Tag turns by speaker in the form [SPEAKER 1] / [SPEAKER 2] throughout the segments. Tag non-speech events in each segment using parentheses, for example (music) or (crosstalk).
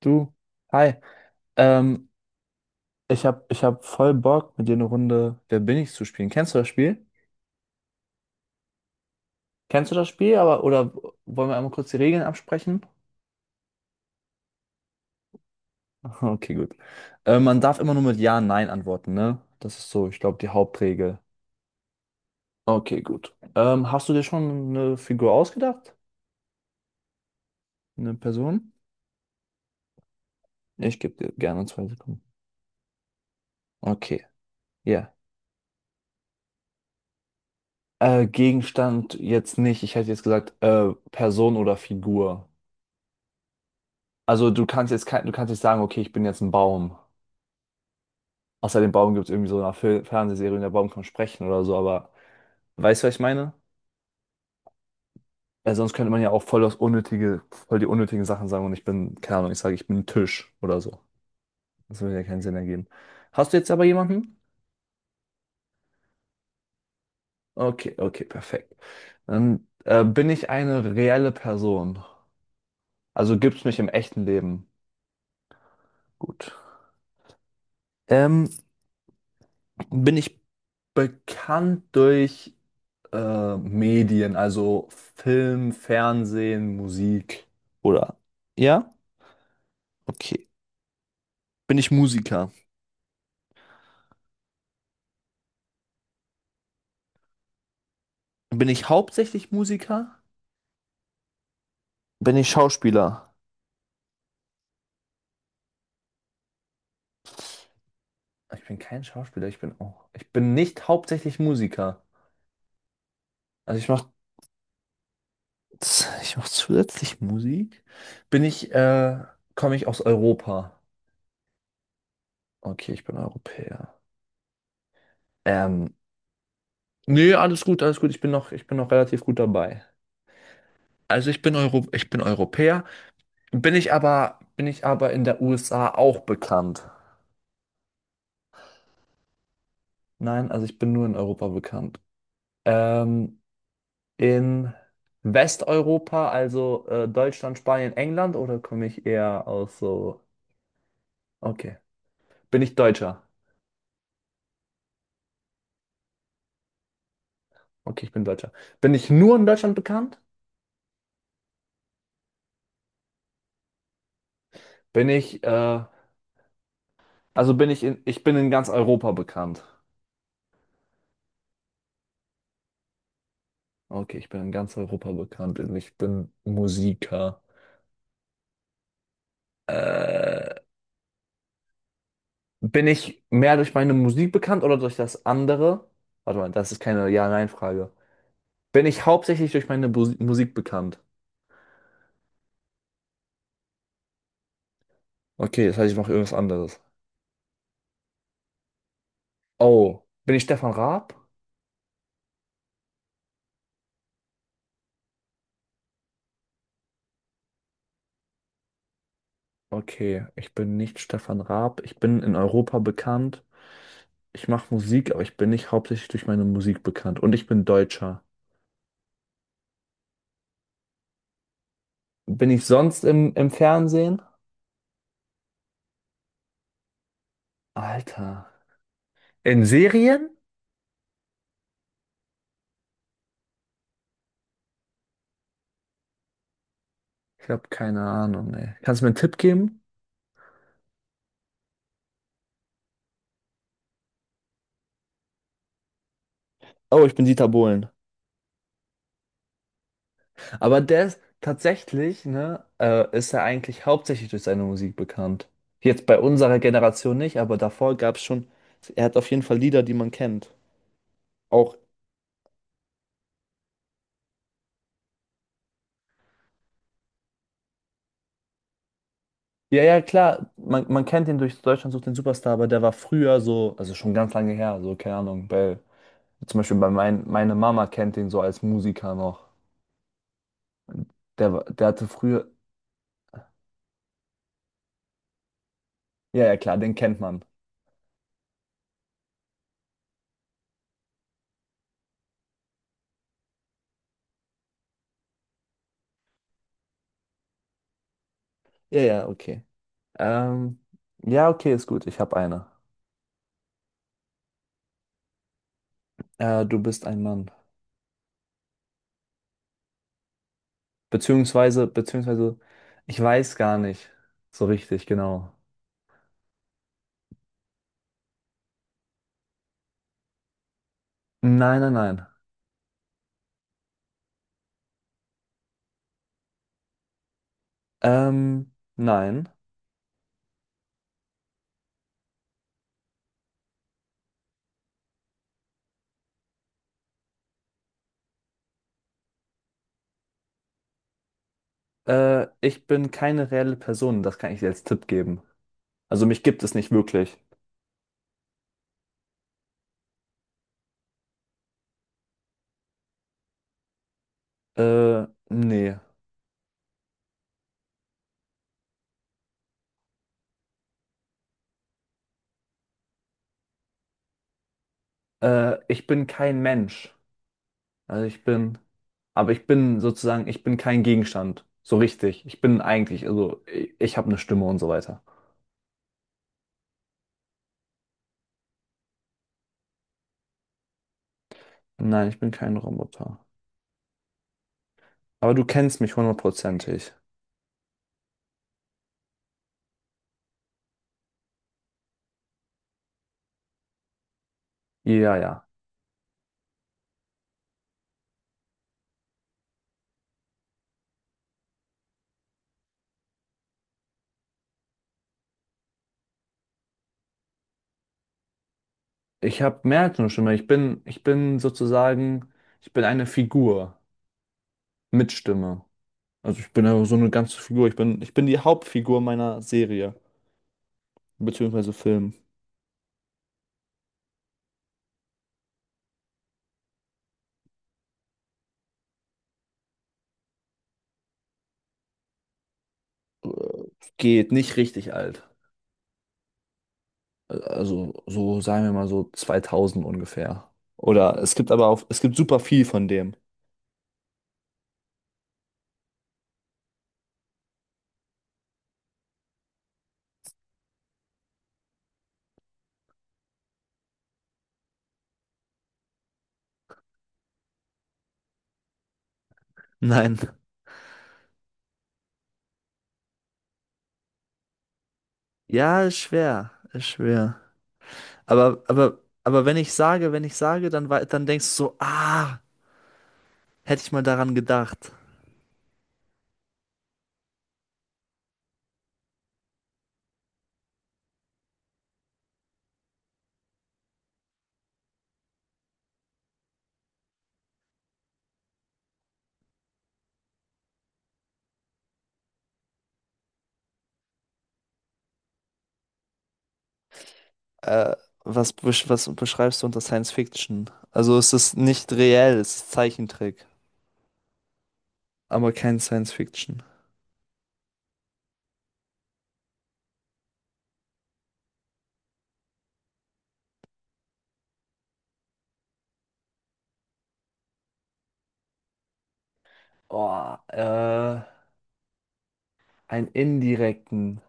[SPEAKER 1] Du, hi. Ähm, ich hab voll Bock, mit dir eine Runde Wer bin ich zu spielen. Kennst du das Spiel? Kennst du das Spiel, aber oder wollen wir einmal kurz die Regeln absprechen? (laughs) Okay, gut. Man darf immer nur mit Ja, Nein antworten, ne? Das ist so, ich glaube, die Hauptregel. Okay, gut. Hast du dir schon eine Figur ausgedacht? Eine Person? Ich gebe dir gerne zwei Sekunden. Okay, ja. Gegenstand jetzt nicht. Ich hätte jetzt gesagt, Person oder Figur. Also du kannst nicht sagen, okay, ich bin jetzt ein Baum. Außer dem Baum gibt es irgendwie so eine Fernsehserie, und der Baum kann sprechen oder so, aber weißt du, was ich meine? Weil sonst könnte man ja auch voll die unnötigen Sachen sagen und ich bin, keine Ahnung, ich sage, ich bin ein Tisch oder so. Das würde ja keinen Sinn ergeben. Hast du jetzt aber jemanden? Okay, okay, perfekt. Dann bin ich eine reelle Person. Also gibt's mich im echten Leben. Gut. Ähm, bin ich bekannt durch Medien, also Film, Fernsehen, Musik. Oder? Ja? Okay. Bin ich Musiker? Bin ich hauptsächlich Musiker? Bin ich Schauspieler? Ich bin kein Schauspieler, ich bin auch. Ich bin nicht hauptsächlich Musiker. Also ich mach zusätzlich Musik. Bin ich, äh, komme ich aus Europa? Okay, ich bin Europäer. Ähm, nee, alles gut, alles gut. Ich bin noch relativ gut dabei. Ich bin Europäer. Bin ich aber in der USA auch bekannt? Nein, also ich bin nur in Europa bekannt. Ähm, in Westeuropa, also Deutschland, Spanien, England, oder komme ich eher aus so... Okay. Bin ich Deutscher? Okay, ich bin Deutscher. Bin ich nur in Deutschland bekannt? Bin ich, äh, bin ich ich bin in ganz Europa bekannt. Okay, ich bin in ganz Europa bekannt und ich bin Musiker. Äh, Bin ich mehr durch meine Musik bekannt oder durch das andere? Warte mal, das ist keine Ja-Nein-Frage. Bin ich hauptsächlich durch meine Bus Musik bekannt? Okay, das heißt, ich mache irgendwas anderes. Oh, bin ich Stefan Raab? Okay, ich bin nicht Stefan Raab. Ich bin in Europa bekannt. Ich mache Musik, aber ich bin nicht hauptsächlich durch meine Musik bekannt. Und ich bin Deutscher. Bin ich sonst im Fernsehen? Alter. In Serien? Ich habe keine Ahnung, ey. Kannst du mir einen Tipp geben? Oh, ich bin Dieter Bohlen. Aber der ist tatsächlich, ne, ist er eigentlich hauptsächlich durch seine Musik bekannt. Jetzt bei unserer Generation nicht, aber davor gab es schon, er hat auf jeden Fall Lieder, die man kennt. Auch, ja, ja, klar, man kennt ihn durch Deutschland sucht den Superstar, aber der war früher so, also schon ganz lange her, so, keine Ahnung, zum Beispiel bei meine Mama kennt ihn so als Musiker noch. Der hatte früher, ja, ja, klar, den kennt man. Ja, ja, okay. Ähm, ja, okay, ist gut, ich habe eine. Du bist ein Mann. Beziehungsweise, ich weiß gar nicht so richtig genau. Nein, nein, nein. Nein. Ich bin keine reelle Person, das kann ich dir als Tipp geben. Also mich gibt es nicht wirklich. Nee. Ich bin kein Mensch. Also ich bin, aber ich bin sozusagen, ich bin kein Gegenstand. So richtig. Ich bin eigentlich, also ich habe eine Stimme und so weiter. Nein, ich bin kein Roboter. Aber du kennst mich hundertprozentig. Ja, ja. Ich habe mehr als eine Stimme. Ich bin sozusagen, ich bin eine Figur mit Stimme. Also ich bin ja so eine ganze Figur. Ich bin die Hauptfigur meiner Serie, beziehungsweise Film. Äh, Geht nicht richtig alt. Sagen wir mal so 2000 ungefähr. Oder es gibt super viel von dem. Nein. Ja, ist schwer, ist schwer. Aber wenn ich sage, dann, dann denkst du so, ah, hätte ich mal daran gedacht. Äh, was beschreibst du unter Science Fiction? Also es ist nicht reell, es ist Zeichentrick, aber kein Science Fiction. Oh, äh, einen indirekten.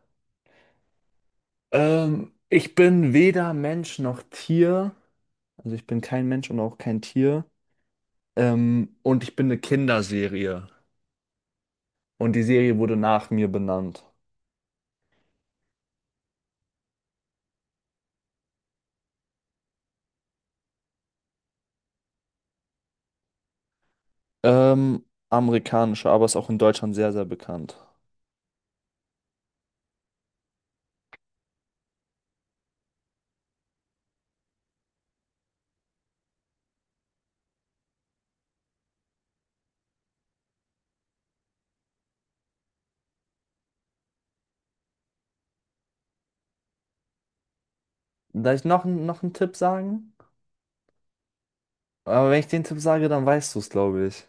[SPEAKER 1] Ich bin weder Mensch noch Tier. Also ich bin kein Mensch und auch kein Tier. Und ich bin eine Kinderserie. Und die Serie wurde nach mir benannt. Ähm, amerikanische, aber ist auch in Deutschland sehr, sehr bekannt. Darf ich noch einen Tipp sagen? Aber wenn ich den Tipp sage, dann weißt du es, glaube ich.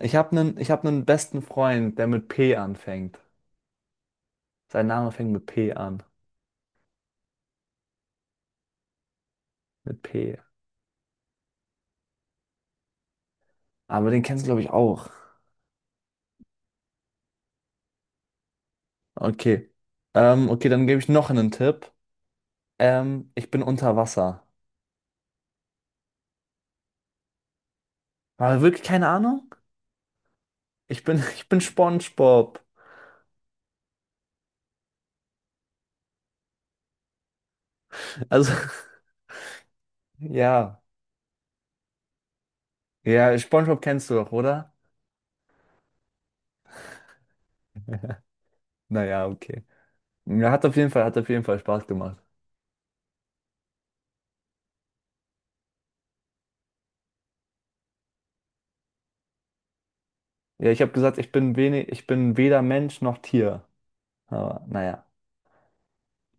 [SPEAKER 1] Ich hab einen besten Freund, der mit P anfängt. Sein Name fängt mit P an. Mit P. Aber den kennst du, glaube ich, auch. Okay. Okay, dann gebe ich noch einen Tipp. Ich bin unter Wasser. Aber wirklich keine Ahnung? Ich bin, (laughs) ich bin SpongeBob. Also, (laughs) ja. Ja, SpongeBob kennst du doch, oder? (laughs) Naja, okay. Ja, hat auf jeden Fall, hat auf jeden Fall Spaß gemacht. Ja, ich habe gesagt, ich bin weder Mensch noch Tier. Aber naja.